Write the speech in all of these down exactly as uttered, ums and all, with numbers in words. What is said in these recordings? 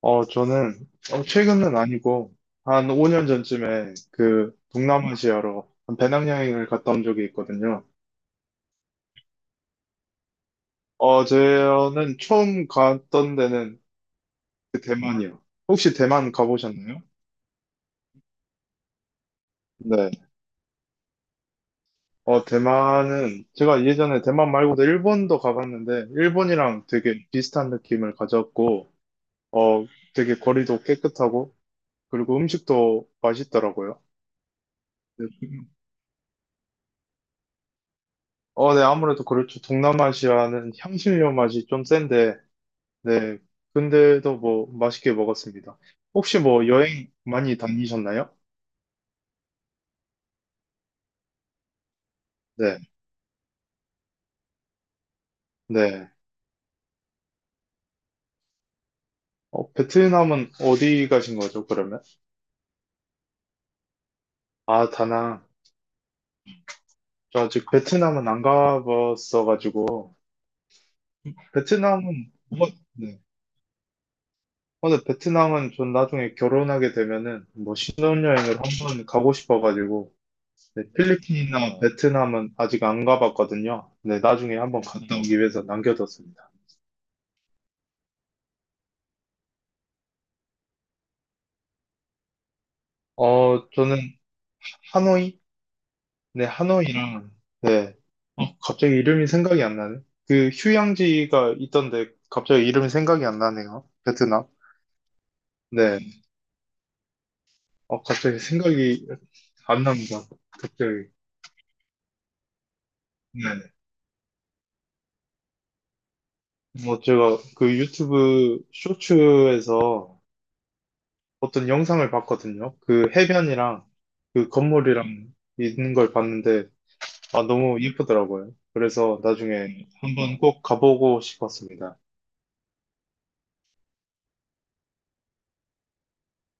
어, 저는, 어, 최근은 아니고, 한 오 년 전쯤에 그 동남아시아로 한 배낭여행을 갔다 온 적이 있거든요. 어, 저는 처음 갔던 데는 그 대만이요. 혹시 대만 가보셨나요? 네. 어, 대만은 제가 예전에 대만 말고도 일본도 가봤는데, 일본이랑 되게 비슷한 느낌을 가졌고, 어, 되게 거리도 깨끗하고, 그리고 음식도 맛있더라고요. 네, 어, 네, 아무래도 그렇죠. 동남아시아는 향신료 맛이 좀 센데, 네. 근데도 뭐 맛있게 먹었습니다. 혹시 뭐 여행 많이 다니셨나요? 네. 네. 어, 베트남은 어디 가신 거죠, 그러면? 아, 다낭. 저 아직 베트남은 안 가봤어가지고. 베트남은, 뭐, 네. 어, 근데 베트남은 전 나중에 결혼하게 되면은 뭐 신혼여행을 한번 가고 싶어가지고. 네, 필리핀이나 베트남은 아직 안 가봤거든요. 네, 나중에 한번 갔다 오기 위해서 남겨뒀습니다. 어, 저는 하노이? 네, 하노이랑, 네. 어, 갑자기 이름이 생각이 안 나네. 그 휴양지가 있던데 갑자기 이름이 생각이 안 나네요. 베트남. 네. 어, 갑자기 생각이 안 납니다. 갑자기. 네. 뭐 제가 그 유튜브 쇼츠에서 어떤 영상을 봤거든요. 그 해변이랑 그 건물이랑 있는 걸 봤는데 아, 너무 예쁘더라고요. 그래서 나중에 한번 꼭 가보고 싶었습니다.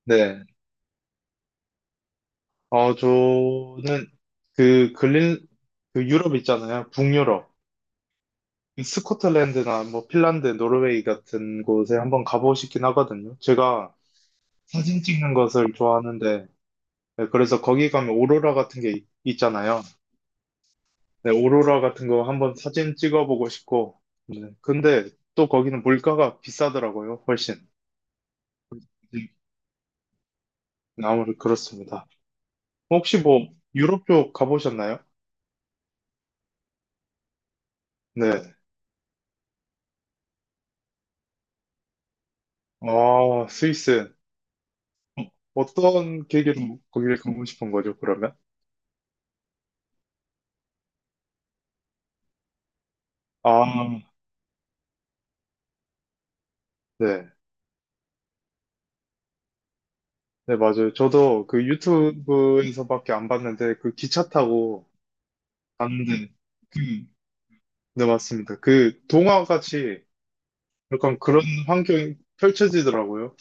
네. 어, 저는 그 글린, 그 유럽 있잖아요. 북유럽. 스코틀랜드나 뭐 핀란드, 노르웨이 같은 곳에 한번 가보고 싶긴 하거든요. 제가 사진 찍는 것을 좋아하는데, 네, 그래서 거기 가면 오로라 같은 게 있- 있잖아요. 네, 오로라 같은 거 한번 사진 찍어보고 싶고, 네, 근데 또 거기는 물가가 비싸더라고요, 훨씬. 네, 아무래도 그렇습니다. 혹시 뭐 유럽 쪽 가보셨나요? 네. 아, 스위스. 어떤 계기로 거기를 가고 싶은 거죠, 그러면? 아, 네. 네, 맞아요. 저도 그 유튜브에서밖에 안 봤는데, 그 기차 타고 갔는데, 그, 네, 맞습니다. 그 동화같이 약간 그런 환경이 펼쳐지더라고요.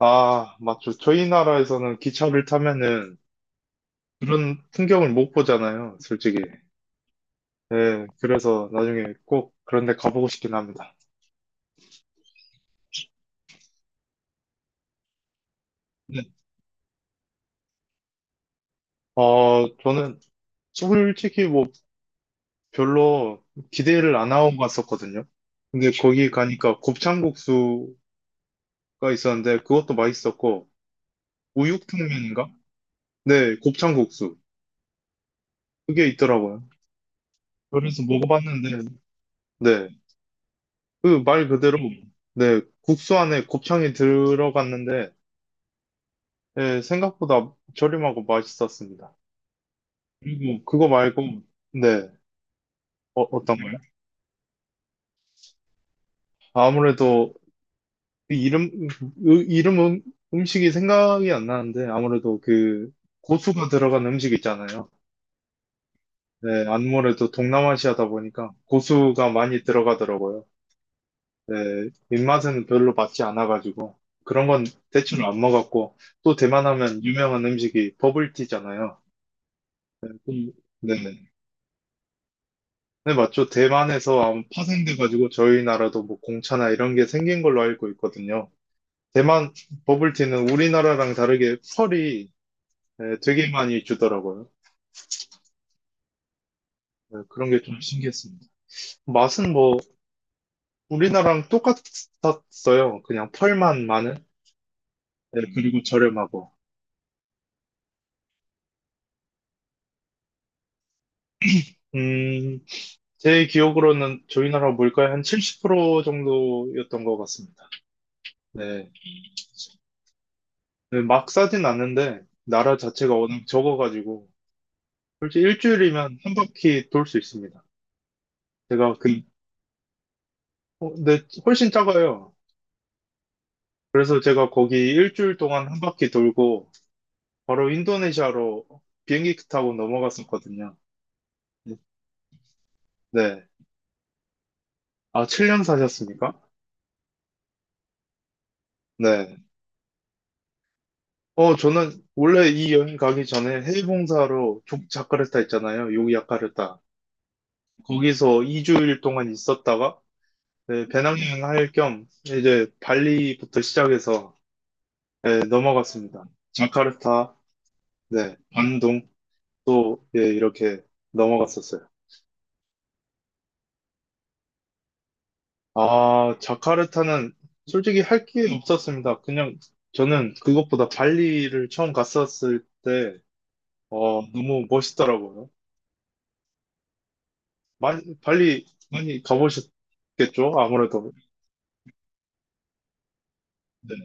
아, 맞죠. 저희 나라에서는 기차를 타면은 그런 풍경을 못 보잖아요, 솔직히. 네, 그래서 나중에 꼭 그런 데 가보고 싶긴 합니다. 네. 어, 저는 솔직히 뭐 별로 기대를 안 하고 갔었거든요. 근데 거기 가니까 곱창국수가 있었는데 그것도 맛있었고 우육탕면인가? 네, 곱창국수 그게 있더라고요. 그래서 먹어봤는데 네, 그 말 그대로 네, 국수 안에 곱창이 들어갔는데 네, 생각보다 저렴하고 맛있었습니다. 그리고 그거 말고 네, 어, 어떤 거요? 아무래도 그 이름, 으- 이름 음, 음식이 생각이 안 나는데, 아무래도 그 고수가 들어간 음식 있잖아요. 네, 아무래도 동남아시아다 보니까 고수가 많이 들어가더라고요. 네, 입맛에는 별로 맞지 않아가지고, 그런 건 대충 안 먹었고, 또 대만 하면 유명한 음식이 버블티잖아요. 음, 네네. 네, 네, 맞죠. 대만에서 아마 파생돼가지고 저희 나라도 뭐 공차나 이런 게 생긴 걸로 알고 있거든요. 대만 버블티는 우리나라랑 다르게 펄이, 네, 되게 많이 주더라고요. 네, 그런 게 좀 신기했습니다. 맛은 뭐 우리나라랑 똑같았어요. 그냥 펄만 많은. 네, 그리고 저렴하고. 음, 제 기억으로는 저희 나라 물가의 한 칠십 프로 정도였던 것 같습니다. 네, 네, 막 싸진 않는데 나라 자체가 워낙 적어가지고 솔직히 일주일이면 한 바퀴 돌 수 있습니다. 제가 그, 어, 네, 훨씬 작아요. 그래서 제가 거기 일주일 동안 한 바퀴 돌고 바로 인도네시아로 비행기 타고 넘어갔었거든요. 네. 아, 칠 년 사셨습니까? 네. 어, 저는 원래 이 여행 가기 전에 해외 봉사로 자카르타 있잖아요. 요기야카르타. 거기서 이 주일 동안 있었다가 네, 배낭여행 할 겸 이제 발리부터 시작해서 네, 넘어갔습니다. 자카르타, 네, 반동 또 예, 이렇게 넘어갔었어요. 아, 자카르타는 솔직히 할 게 없었습니다. 그냥 저는 그것보다 발리를 처음 갔었을 때, 어, 너무 멋있더라고요. 많이, 발리 많이 가보셨겠죠? 아무래도. 네.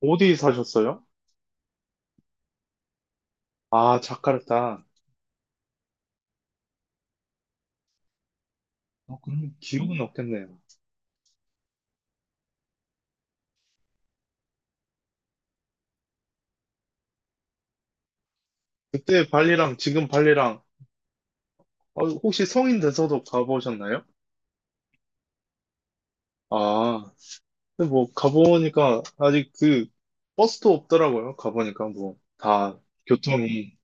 어디 사셨어요? 아, 자카르타. 어, 그럼 기억은 없겠네요. 그때 발리랑 지금 발리랑, 어, 혹시 성인 돼서도 가보셨나요? 아, 근데 뭐 가보니까 아직 그 버스도 없더라고요. 가보니까 뭐 다 교통이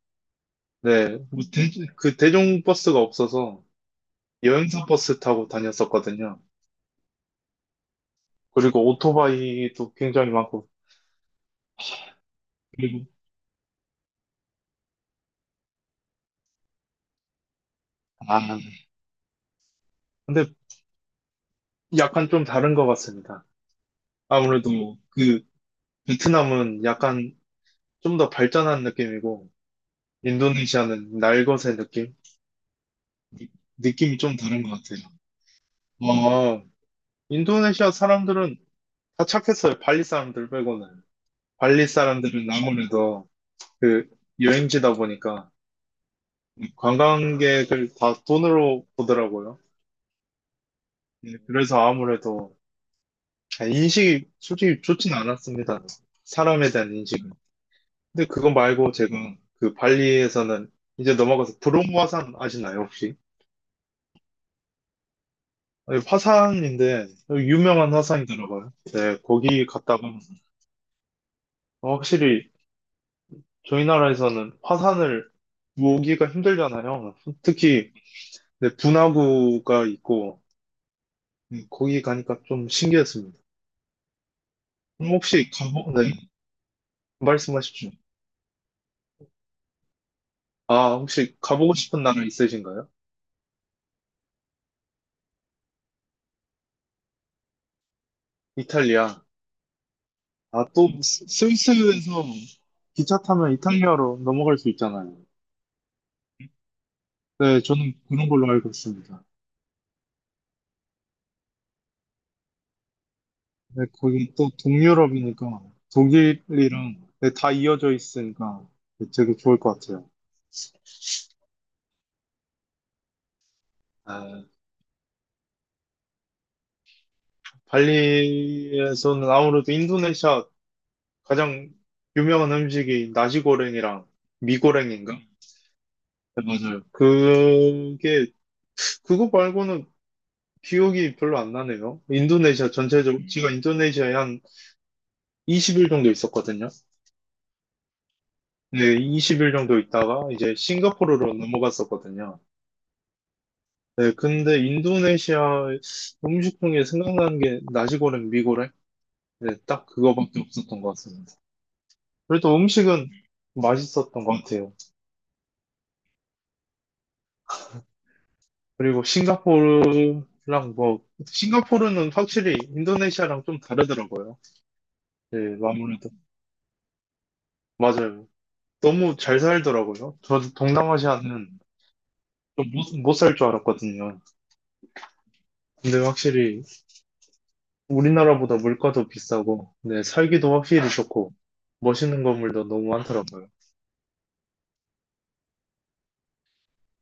네, 뭐 대, 그 대중버스가 없어서 여행사 버스 타고 다녔었거든요. 그리고 오토바이도 굉장히 많고, 그리고, 아, 근데 약간 좀 다른 것 같습니다. 아무래도 뭐 그 베트남은 약간 좀 더 발전한 느낌이고, 인도네시아는 날것의 느낌? 느- 느낌이 좀 다른 것 같아요. 아, 인도네시아 사람들은 다 착했어요. 발리 사람들 빼고는. 발리 사람들은 아무래도 그 여행지다 보니까 관광객을 다 돈으로 보더라고요. 예, 그래서 아무래도 아, 인식이 솔직히 좋진 않았습니다. 사람에 대한 인식은. 근데 그거 말고 제가 그 발리에서는 이제 넘어가서 브롬 화산 아시나요, 혹시? 아니, 화산인데 유명한 화산이더라고요. 네, 거기 갔다가 어, 확실히 저희 나라에서는 화산을 보기가 힘들잖아요. 특히 네, 분화구가 있고 음, 거기 가니까 좀 신기했습니다. 그럼 혹시 가보, 네, 말씀하십시오. 아, 혹시 가보고 싶은 나라 있으신가요? 이탈리아. 아, 또 스- 스위스에서 기차 타면 이탈리아로 넘어갈 수 있잖아요. 네, 저는 그런 걸로 알고 있습니다. 네, 거긴 또 동유럽이니까 독일이랑 네, 다 이어져 있으니까 되게 좋을 것 같아요. 아, 발리에서는 아무래도 인도네시아 가장 유명한 음식이 나시고랭이랑 미고랭인가? 네, 맞아요. 그게 그거 말고는 기억이 별로 안 나네요. 인도네시아 전체적으로, 제가 인도네시아에 한 이십 일 정도 있었거든요. 네, 이십 일 정도 있다가 이제 싱가포르로 넘어갔었거든요. 네, 근데 인도네시아 음식 중에 생각나는 게 나시고랭 미고랭? 네, 딱 그거밖에 없었던 것 같습니다. 그래도 음식은 맛있었던 것 같아요. 그리고 싱가포르랑 뭐, 싱가포르는 확실히 인도네시아랑 좀 다르더라고요. 네, 아무래도. 맞아요. 너무 잘 살더라고요. 저도 동남아시아는 못 살 줄 알았거든요. 근데 확실히 우리나라보다 물가도 비싸고, 네, 살기도 확실히 좋고, 멋있는 건물도 너무 많더라고요.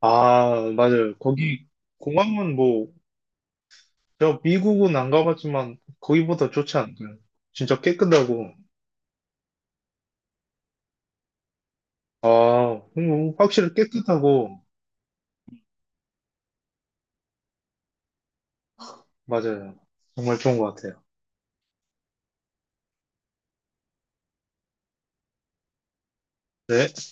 아, 맞아요. 거기 공항은 뭐, 제가 미국은 안 가봤지만 거기보다 좋지 않나요? 진짜 깨끗하고, 아, 음, 확실히 깨끗하고, 맞아요. 정말 좋은 것 같아요. 네.